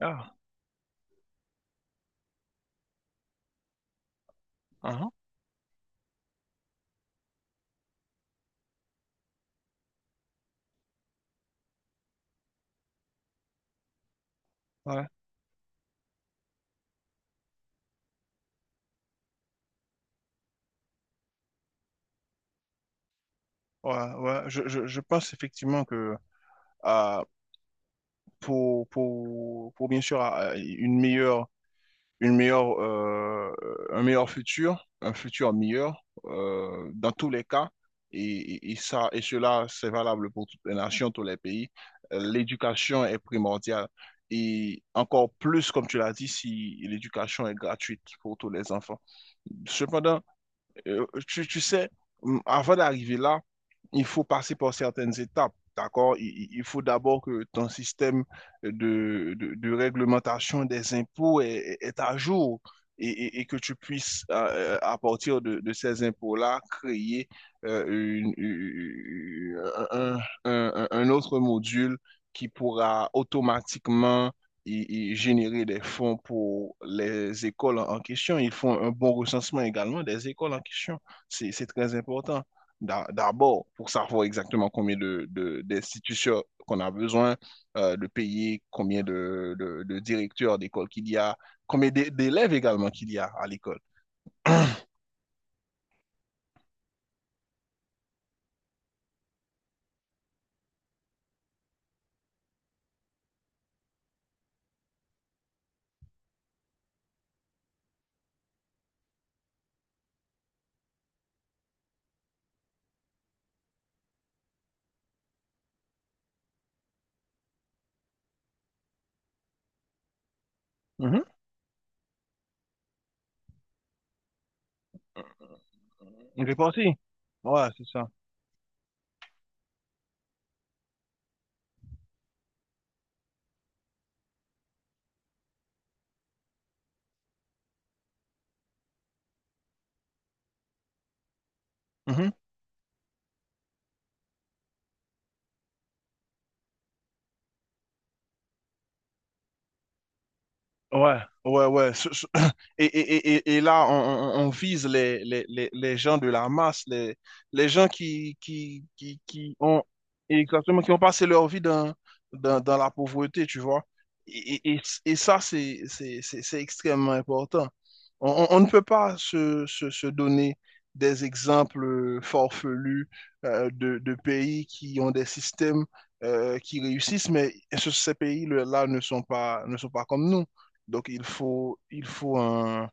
Ah, hein, ouais, ouais, ouais. Je pense effectivement que euh, pour bien sûr une meilleure, euh, un meilleur futur, un futur meilleur dans tous les cas, et, et cela, c'est valable pour toutes les nations, tous les pays, l'éducation est primordiale. Et encore plus, comme tu l'as dit, si l'éducation est gratuite pour tous les enfants. Cependant, tu sais, avant d'arriver là, il faut passer par certaines étapes, d'accord? Il faut d'abord que ton système de réglementation des impôts est à jour et que tu puisses, à partir de ces impôts-là, créer euh, une- une- un, un autre module qui pourra automatiquement et générer des fonds pour les écoles en, en question. Ils font un bon recensement également des écoles en question. C'est très important. D'abord, pour savoir exactement combien d'institutions qu'on a besoin de payer, combien de directeurs d'école qu'il y a, d'élèves également qu'il y a à l'école. Mhm. On est parti. Ouais, c'est ça. Mhm. Ouais, ouais, ouais. Et là, on vise les gens de la masse, les gens qui ont exactement, qui ont passé leur vie dans la pauvreté, tu vois. Et ça, C'est extrêmement important. On ne peut pas se donner des exemples forfelus de pays qui ont des systèmes qui réussissent, mais ces pays-là ne sont pas, ne sont pas comme nous. Donc, il faut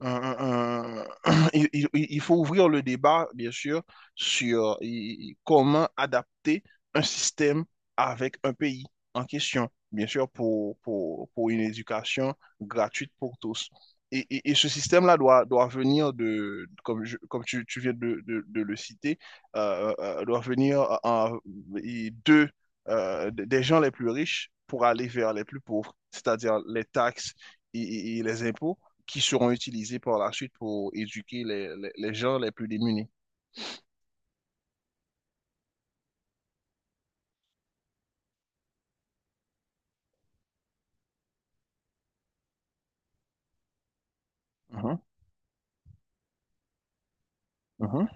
un- un- il faut ouvrir le débat, bien sûr, sur comment adapter un système avec un pays en question, bien sûr, pour une éducation gratuite pour tous. Et ce système-là doit venir de, comme, comme tu viens de le citer, doit venir et de, des gens les plus riches pour aller vers les plus pauvres, c'est-à-dire les taxes et les impôts qui seront utilisés par la suite pour éduquer les gens les plus démunis. Mhm, mhm,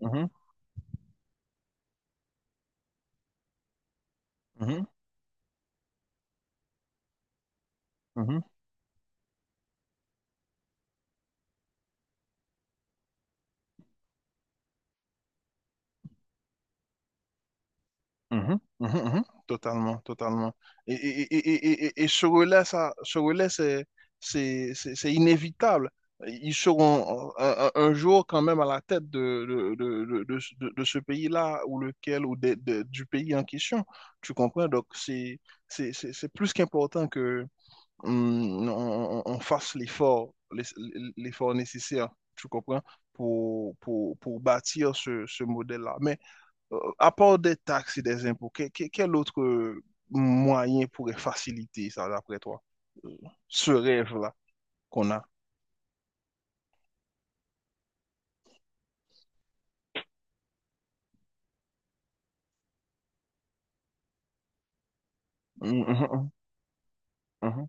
mhm, mhm, mhm, mhm. Totalement, totalement. Et ce relais, ça, ce relais, c'est inévitable. Ils seront un jour quand même à la tête de ce pays-là ou lequel ou du pays en question. Tu comprends? Donc, c'est c'est plus qu'important on fasse l'effort, l'effort nécessaire, tu comprends, pour bâtir ce, ce modèle-là. Mais à part des taxes et des impôts, quel autre moyen pourrait faciliter ça, d'après toi, ce rêve-là qu'on a? Mhm, mhm, mhm,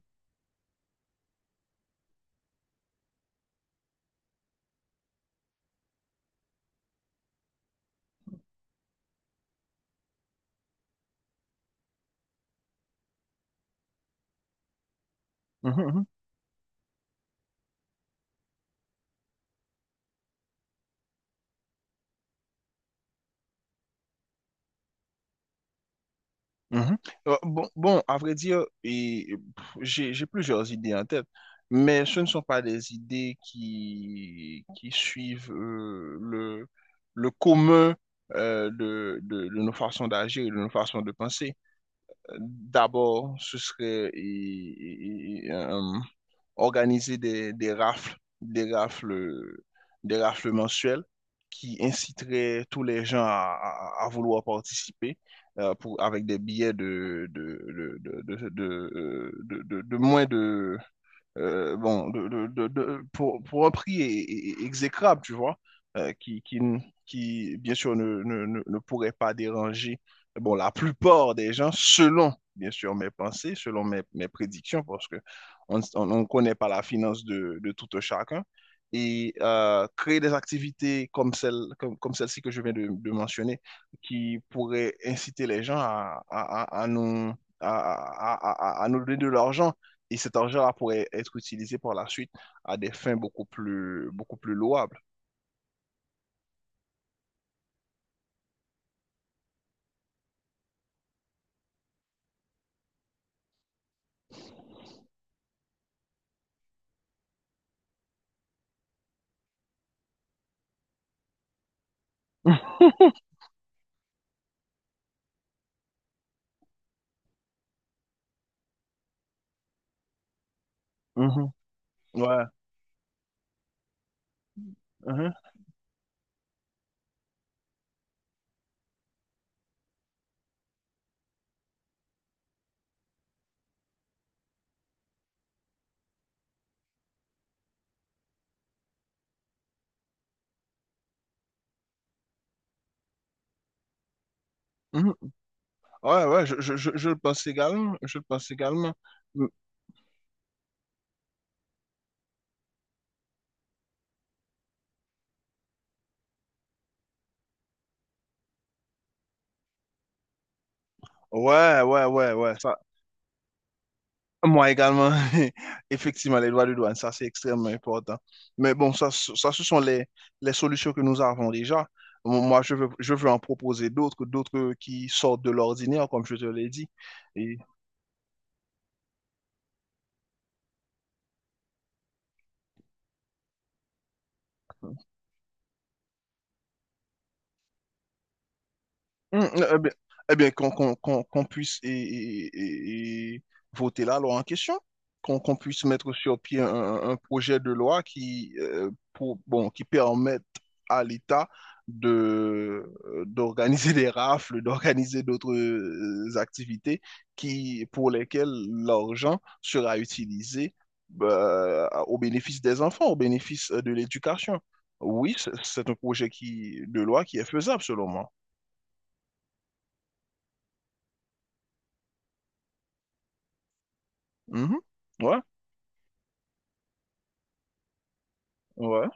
mhm, mhm, Mhm. Bon, à vrai dire, j'ai plusieurs idées en tête, mais ce ne sont pas des idées qui suivent le commun de nos façons d'agir et de nos façons de penser. D'abord, ce serait organiser des rafles, des rafles mensuelles qui inciteraient tous les gens à, à vouloir participer avec des billets de moins de, pour un prix exécrable, tu vois, euh, qui, qui, n- bien sûr, ne pourrait pas déranger, bon, la plupart des gens, selon, bien sûr, mes pensées, selon mes prédictions, parce que on ne connaît pas la finance de tout un chacun. Et créer des activités comme comme celle-ci que je viens de mentionner, qui pourraient inciter les gens à nous donner de l'argent et cet argent-là pourrait être utilisé par la suite à des fins beaucoup plus louables. Mhm. mhm. Ouais, mhm, mhm. Ouais, je le pense également, je le pense également. Mm. Ouais, ça, moi également, effectivement, les droits de douane, ça c'est extrêmement important. Mais bon, ça, ça ce sont les solutions que nous avons déjà. Moi, je veux en proposer d'autres, d'autres qui sortent de l'ordinaire, comme je te l'ai dit. Mm, eh bien, eh bien, qu'on puisse voter la loi en question, qu'on puisse mettre sur pied un projet de loi qui, qui permette à l'État de, d'organiser des rafles, d'organiser d'autres activités qui, pour lesquelles l'argent sera utilisé bah, au bénéfice des enfants, au bénéfice de l'éducation. Oui, c'est un projet qui, de loi qui est faisable selon moi. Mhm. Ouais, ouais,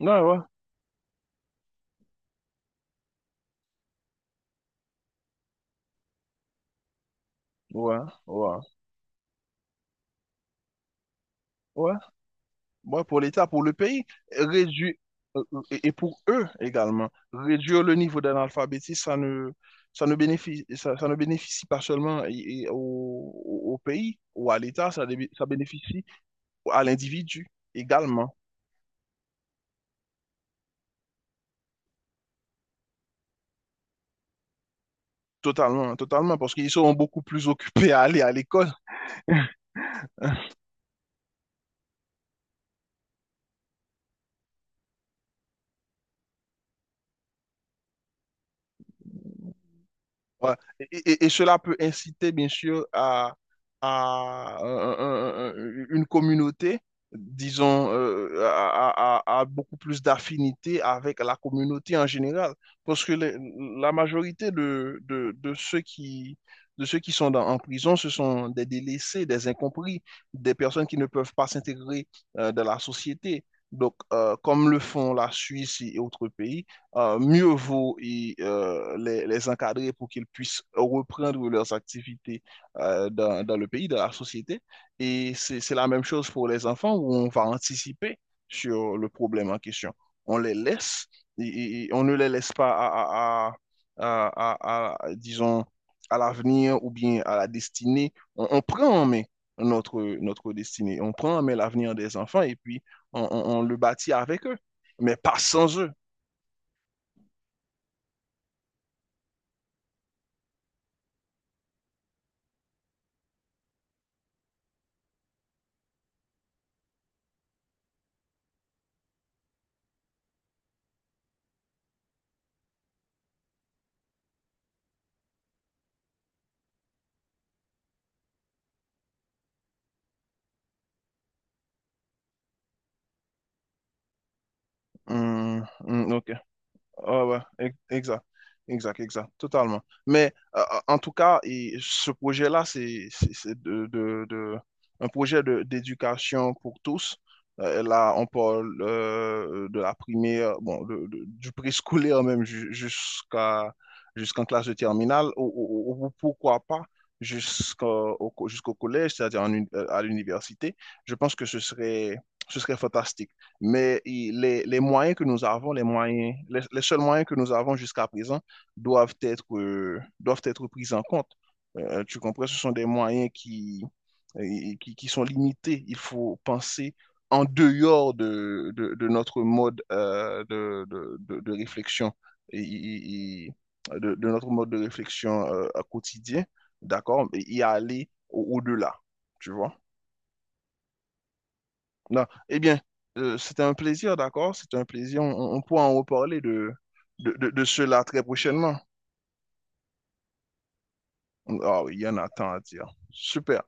ouais, ouais, ouais, ouais, ouais. Ouais, pour l'État, pour le pays, réduire, et pour eux également, réduire le niveau d'analphabétisme, ça ne bénéficie, ça ne bénéficie pas seulement et au, au pays ou à l'État, ça, ça bénéficie à l'individu également, totalement, totalement, parce qu'ils seront beaucoup plus occupés à aller à l'école. Ouais. Et cela peut inciter, bien sûr, à, une communauté, disons, à beaucoup plus d'affinité avec la communauté en général. Parce que les- la majorité de ceux qui sont en prison, ce sont des délaissés, des incompris, des personnes qui ne peuvent pas s'intégrer dans la société. Donc, comme le font la Suisse et autres pays, mieux vaut y, les encadrer pour qu'ils puissent reprendre leurs activités dans le pays, dans la société. Et c'est la même chose pour les enfants où on va anticiper sur le problème en question. On les laisse on ne les laisse pas disons, à l'avenir ou bien à la destinée. On prend en main notre destinée. On prend en main l'avenir des enfants et puis on le bâtit avec eux, mais pas sans eux. Ok. Ah ouais, exact. Exact, exact, totalement. Mais en tout cas, et ce projet-là, c'est un projet d'éducation pour tous. Là, on parle de la primaire, bon, du préscolaire même jusqu'à jusqu'en classe de terminale, ou, ou pourquoi pas jusqu'au collège, c'est-à-dire en à l'université. Je pense que ce serait fantastique. Mais les moyens que nous avons, les moyens, les seuls moyens que nous avons jusqu'à présent doivent être pris en compte. Tu comprends? Ce sont des moyens qui, qui sont limités. Il faut penser en dehors de notre mode de réflexion et, et- et- de notre mode de réflexion quotidien, d'accord? Et y aller au-delà, tu vois? Non. Eh bien, c'était un plaisir, d'accord? C'était un plaisir. On pourra en reparler de cela très prochainement. Ah oui, il y en a tant à dire. Super.